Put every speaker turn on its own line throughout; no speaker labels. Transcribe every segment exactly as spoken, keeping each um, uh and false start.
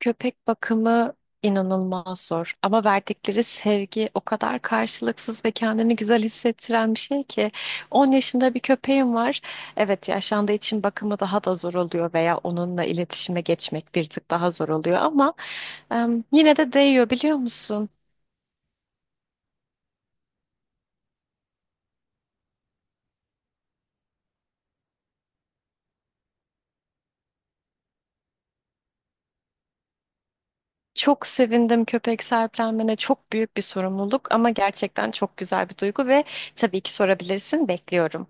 Köpek bakımı inanılmaz zor ama verdikleri sevgi o kadar karşılıksız ve kendini güzel hissettiren bir şey ki 10 yaşında bir köpeğim var. Evet yaşlandığı için bakımı daha da zor oluyor veya onunla iletişime geçmek bir tık daha zor oluyor ama em, yine de değiyor biliyor musun? Çok sevindim köpek sahiplenmene. Çok büyük bir sorumluluk ama gerçekten çok güzel bir duygu ve tabii ki sorabilirsin. Bekliyorum.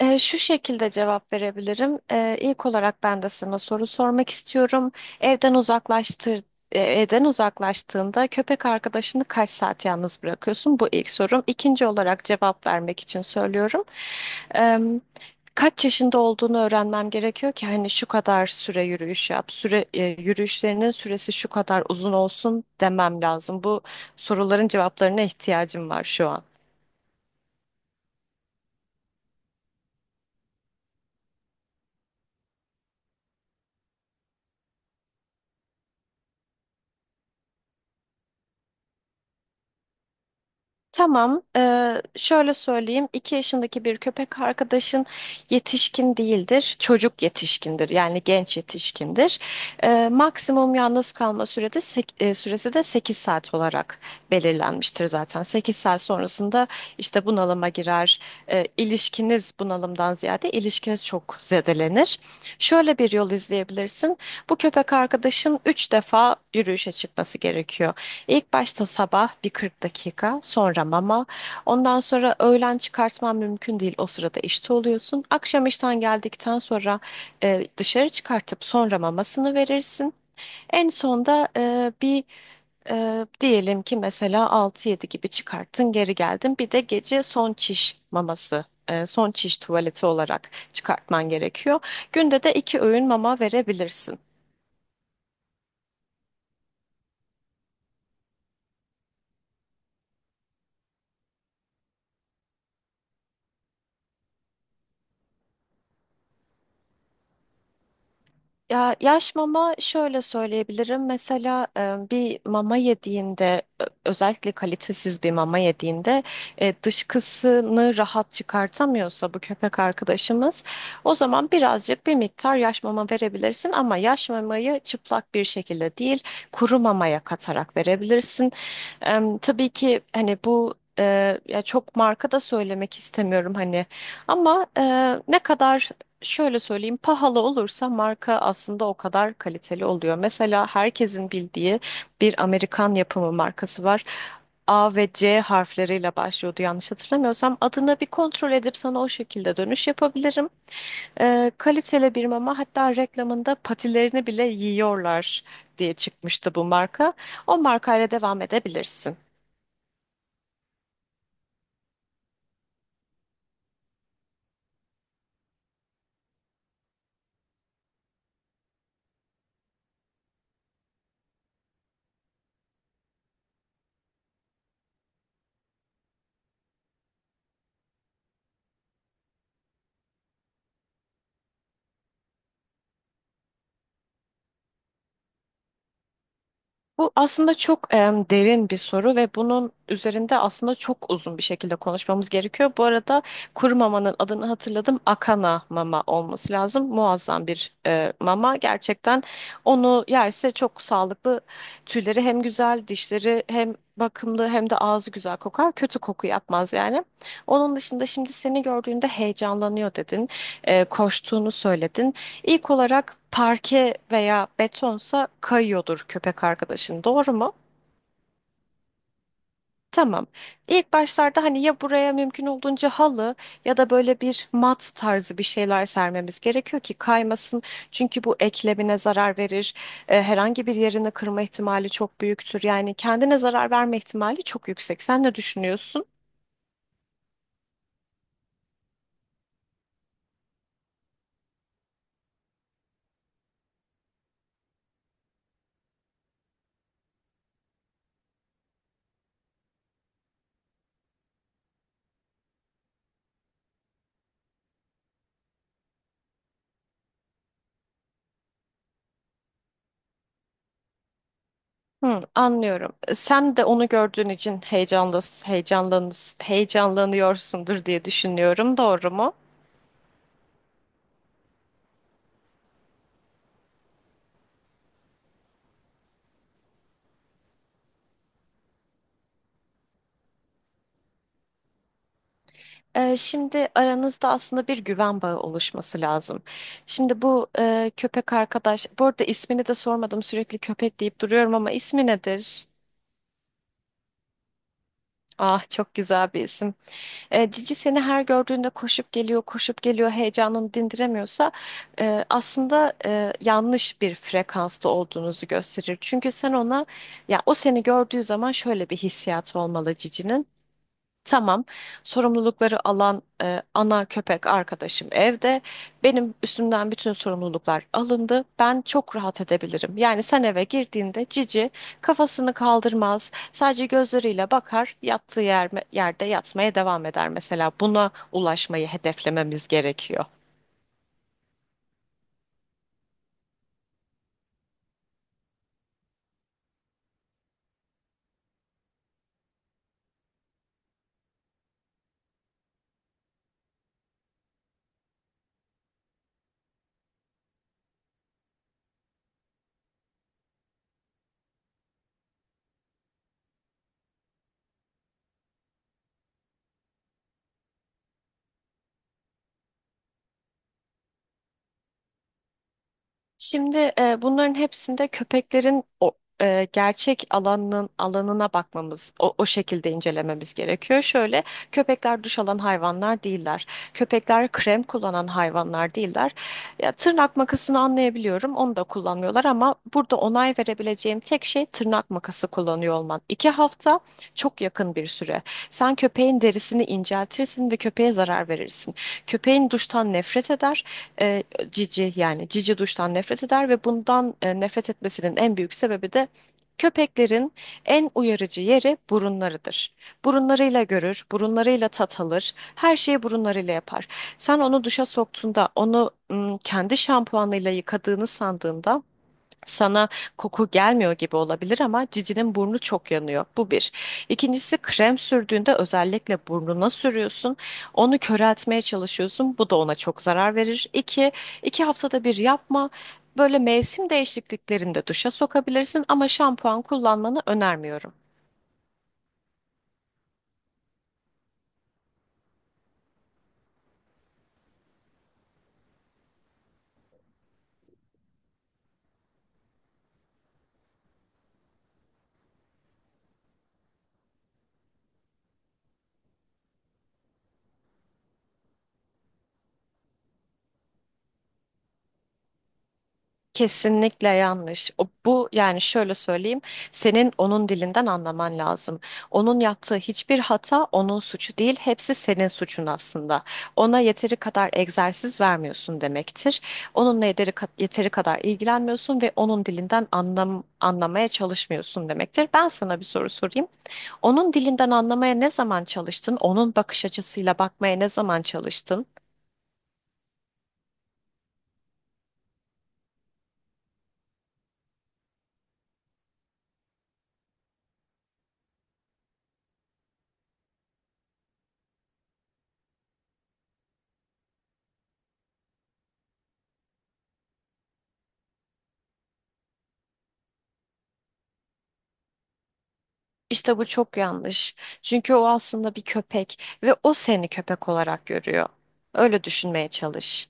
Ee, şu şekilde cevap verebilirim. Ee, ilk olarak ben de sana soru sormak istiyorum. Evden uzaklaştır, e, Evden uzaklaştığında köpek arkadaşını kaç saat yalnız bırakıyorsun? Bu ilk sorum. İkinci olarak cevap vermek için söylüyorum. Ee, Kaç yaşında olduğunu öğrenmem gerekiyor ki hani şu kadar süre yürüyüş yap, süre e, yürüyüşlerinin süresi şu kadar uzun olsun demem lazım. Bu soruların cevaplarına ihtiyacım var şu an. Tamam, eee, şöyle söyleyeyim. 2 yaşındaki bir köpek arkadaşın yetişkin değildir, çocuk yetişkindir, yani genç yetişkindir. Eee, maksimum yalnız kalma sürede sek- eee, süresi de sekiz saat olarak belirlenmiştir zaten. Sekiz saat sonrasında işte bunalıma girer. Eee, ilişkiniz bunalımdan ziyade ilişkiniz çok zedelenir. Şöyle bir yol izleyebilirsin. Bu köpek arkadaşın üç defa yürüyüşe çıkması gerekiyor. İlk başta sabah bir kırk dakika, sonra mama. Ondan sonra öğlen çıkartman mümkün değil. O sırada işte oluyorsun. Akşam işten geldikten sonra e, dışarı çıkartıp sonra mamasını verirsin. En sonda e, bir e, diyelim ki mesela altı yedi gibi çıkarttın, geri geldin. Bir de gece son çiş maması, e, son çiş tuvaleti olarak çıkartman gerekiyor. Günde de iki öğün mama verebilirsin. Ya yaş mama şöyle söyleyebilirim. Mesela e, bir mama yediğinde ö- özellikle kalitesiz bir mama yediğinde e, dışkısını rahat çıkartamıyorsa bu köpek arkadaşımız o zaman birazcık bir miktar yaş mama verebilirsin ama yaş mamayı çıplak bir şekilde değil kuru mamaya katarak verebilirsin. Em, tabii ki hani bu e, ya çok marka da söylemek istemiyorum hani ama e, ne kadar şöyle söyleyeyim pahalı olursa marka aslında o kadar kaliteli oluyor. Mesela herkesin bildiği bir Amerikan yapımı markası var. A ve C harfleriyle başlıyordu yanlış hatırlamıyorsam. Adını bir kontrol edip sana o şekilde dönüş yapabilirim. E, kaliteli bir mama, hatta reklamında patilerini bile yiyorlar diye çıkmıştı bu marka. O markayla devam edebilirsin. Bu aslında çok em, derin bir soru ve bunun üzerinde aslında çok uzun bir şekilde konuşmamız gerekiyor. Bu arada kuru mamanın adını hatırladım. Akana mama olması lazım. Muazzam bir e, mama. Gerçekten onu yerse çok sağlıklı. Tüyleri hem güzel, dişleri hem bakımlı hem de ağzı güzel kokar. Kötü koku yapmaz yani. Onun dışında şimdi seni gördüğünde heyecanlanıyor dedin. E, koştuğunu söyledin. İlk olarak parke veya betonsa kayıyordur köpek arkadaşın, doğru mu? Tamam. İlk başlarda hani ya buraya mümkün olduğunca halı ya da böyle bir mat tarzı bir şeyler sermemiz gerekiyor ki kaymasın. Çünkü bu eklemine zarar verir. E, herhangi bir yerini kırma ihtimali çok büyüktür. Yani kendine zarar verme ihtimali çok yüksek. Sen ne düşünüyorsun? Hı, Anlıyorum. Sen de onu gördüğün için heyecanlı, heyecanlan, heyecanlanıyorsundur diye düşünüyorum. Doğru mu? Ee, şimdi aranızda aslında bir güven bağı oluşması lazım. Şimdi bu e, köpek arkadaş, bu arada ismini de sormadım, sürekli köpek deyip duruyorum ama ismi nedir? Ah çok güzel bir isim. Ee, Cici seni her gördüğünde koşup geliyor, koşup geliyor, heyecanını dindiremiyorsa e, aslında e, yanlış bir frekansta olduğunuzu gösterir. Çünkü sen ona, ya o seni gördüğü zaman şöyle bir hissiyat olmalı Cici'nin. Tamam. Sorumlulukları alan e, ana köpek arkadaşım evde. Benim üstümden bütün sorumluluklar alındı. Ben çok rahat edebilirim. Yani sen eve girdiğinde Cici kafasını kaldırmaz. Sadece gözleriyle bakar, yattığı yer, yerde yatmaya devam eder mesela. Buna ulaşmayı hedeflememiz gerekiyor. Şimdi e, bunların hepsinde köpeklerin o e, gerçek alanının alanına bakmamız, o, o şekilde incelememiz gerekiyor. Şöyle, köpekler duş alan hayvanlar değiller. Köpekler krem kullanan hayvanlar değiller. Ya, tırnak makasını anlayabiliyorum, onu da kullanmıyorlar ama burada onay verebileceğim tek şey tırnak makası kullanıyor olman. İki hafta çok yakın bir süre. Sen köpeğin derisini inceltirsin ve köpeğe zarar verirsin. Köpeğin duştan nefret eder, Cici yani Cici duştan nefret eder ve bundan e, nefret etmesinin en büyük sebebi de köpeklerin en uyarıcı yeri burunlarıdır. Burunlarıyla görür, burunlarıyla tat alır, her şeyi burunlarıyla yapar. Sen onu duşa soktuğunda, onu ım, kendi şampuanıyla yıkadığını sandığında sana koku gelmiyor gibi olabilir ama Cici'nin burnu çok yanıyor. Bu bir. İkincisi, krem sürdüğünde özellikle burnuna sürüyorsun. Onu köreltmeye çalışıyorsun. Bu da ona çok zarar verir. İki, iki haftada bir yapma. Böyle mevsim değişikliklerinde duşa sokabilirsin ama şampuan kullanmanı önermiyorum. Kesinlikle yanlış. O, bu yani şöyle söyleyeyim, senin onun dilinden anlaman lazım. Onun yaptığı hiçbir hata onun suçu değil, hepsi senin suçun aslında. Ona yeteri kadar egzersiz vermiyorsun demektir. Onunla yeteri, ka- yeteri kadar ilgilenmiyorsun ve onun dilinden anlam anlamaya çalışmıyorsun demektir. Ben sana bir soru sorayım. Onun dilinden anlamaya ne zaman çalıştın? Onun bakış açısıyla bakmaya ne zaman çalıştın? İşte bu çok yanlış. Çünkü o aslında bir köpek ve o seni köpek olarak görüyor. Öyle düşünmeye çalış.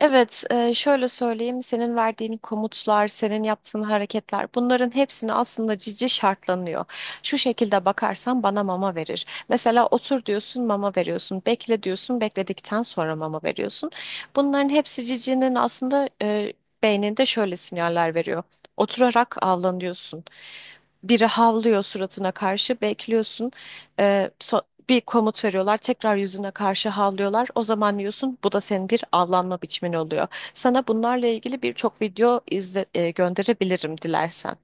Evet, e, şöyle söyleyeyim, senin verdiğin komutlar, senin yaptığın hareketler, bunların hepsini aslında Cici şartlanıyor. Şu şekilde bakarsan bana mama verir. Mesela otur diyorsun, mama veriyorsun. Bekle diyorsun, bekledikten sonra mama veriyorsun. Bunların hepsi Cici'nin aslında e, beyninde şöyle sinyaller veriyor. Oturarak avlanıyorsun. Biri havlıyor suratına karşı, bekliyorsun. E, so- Bir komut veriyorlar, tekrar yüzüne karşı havlıyorlar. O zaman diyorsun bu da senin bir avlanma biçimin oluyor. Sana bunlarla ilgili birçok video izle, e, gönderebilirim dilersen.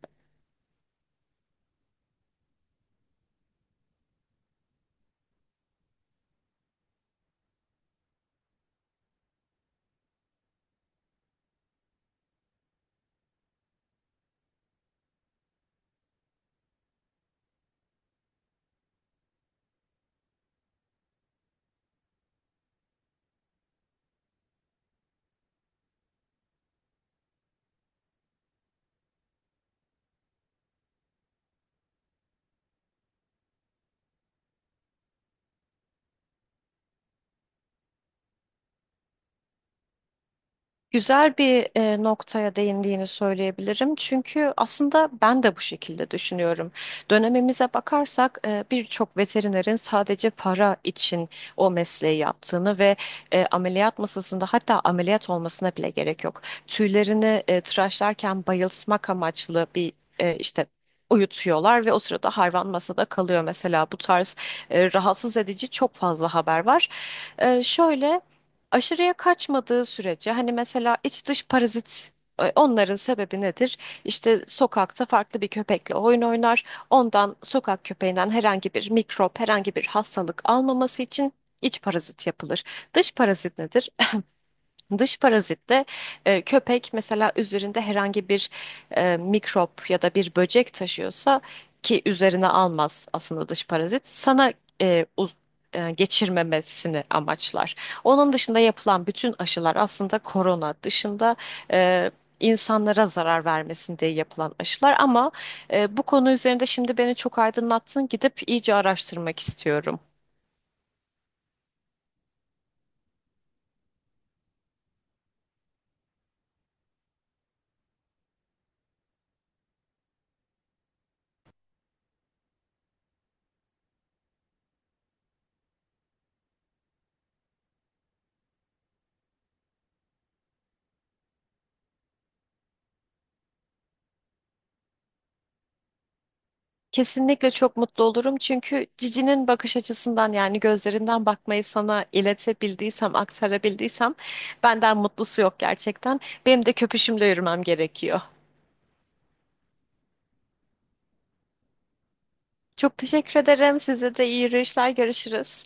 Güzel bir e, noktaya değindiğini söyleyebilirim. Çünkü aslında ben de bu şekilde düşünüyorum. Dönemimize bakarsak e, birçok veterinerin sadece para için o mesleği yaptığını ve e, ameliyat masasında, hatta ameliyat olmasına bile gerek yok. Tüylerini e, tıraşlarken bayıltmak amaçlı bir e, işte uyutuyorlar ve o sırada hayvan masada kalıyor. Mesela bu tarz e, rahatsız edici çok fazla haber var. E, şöyle, aşırıya kaçmadığı sürece hani mesela iç dış parazit, e, onların sebebi nedir? İşte sokakta farklı bir köpekle oyun oynar. Ondan, sokak köpeğinden herhangi bir mikrop, herhangi bir hastalık almaması için iç parazit yapılır. Dış parazit nedir? Dış parazit de e, köpek mesela üzerinde herhangi bir e, mikrop ya da bir böcek taşıyorsa, ki üzerine almaz aslında dış parazit sana e, uz- e, geçirmemesini amaçlar. Onun dışında yapılan bütün aşılar, aslında korona dışında, e, insanlara zarar vermesin diye yapılan aşılar ama e, bu konu üzerinde şimdi beni çok aydınlattın, gidip iyice araştırmak istiyorum. Kesinlikle çok mutlu olurum çünkü Cici'nin bakış açısından, yani gözlerinden bakmayı sana iletebildiysem, aktarabildiysem benden mutlusu yok gerçekten. Benim de köpüşümle yürümem gerekiyor. Çok teşekkür ederim. Size de iyi yürüyüşler. Görüşürüz.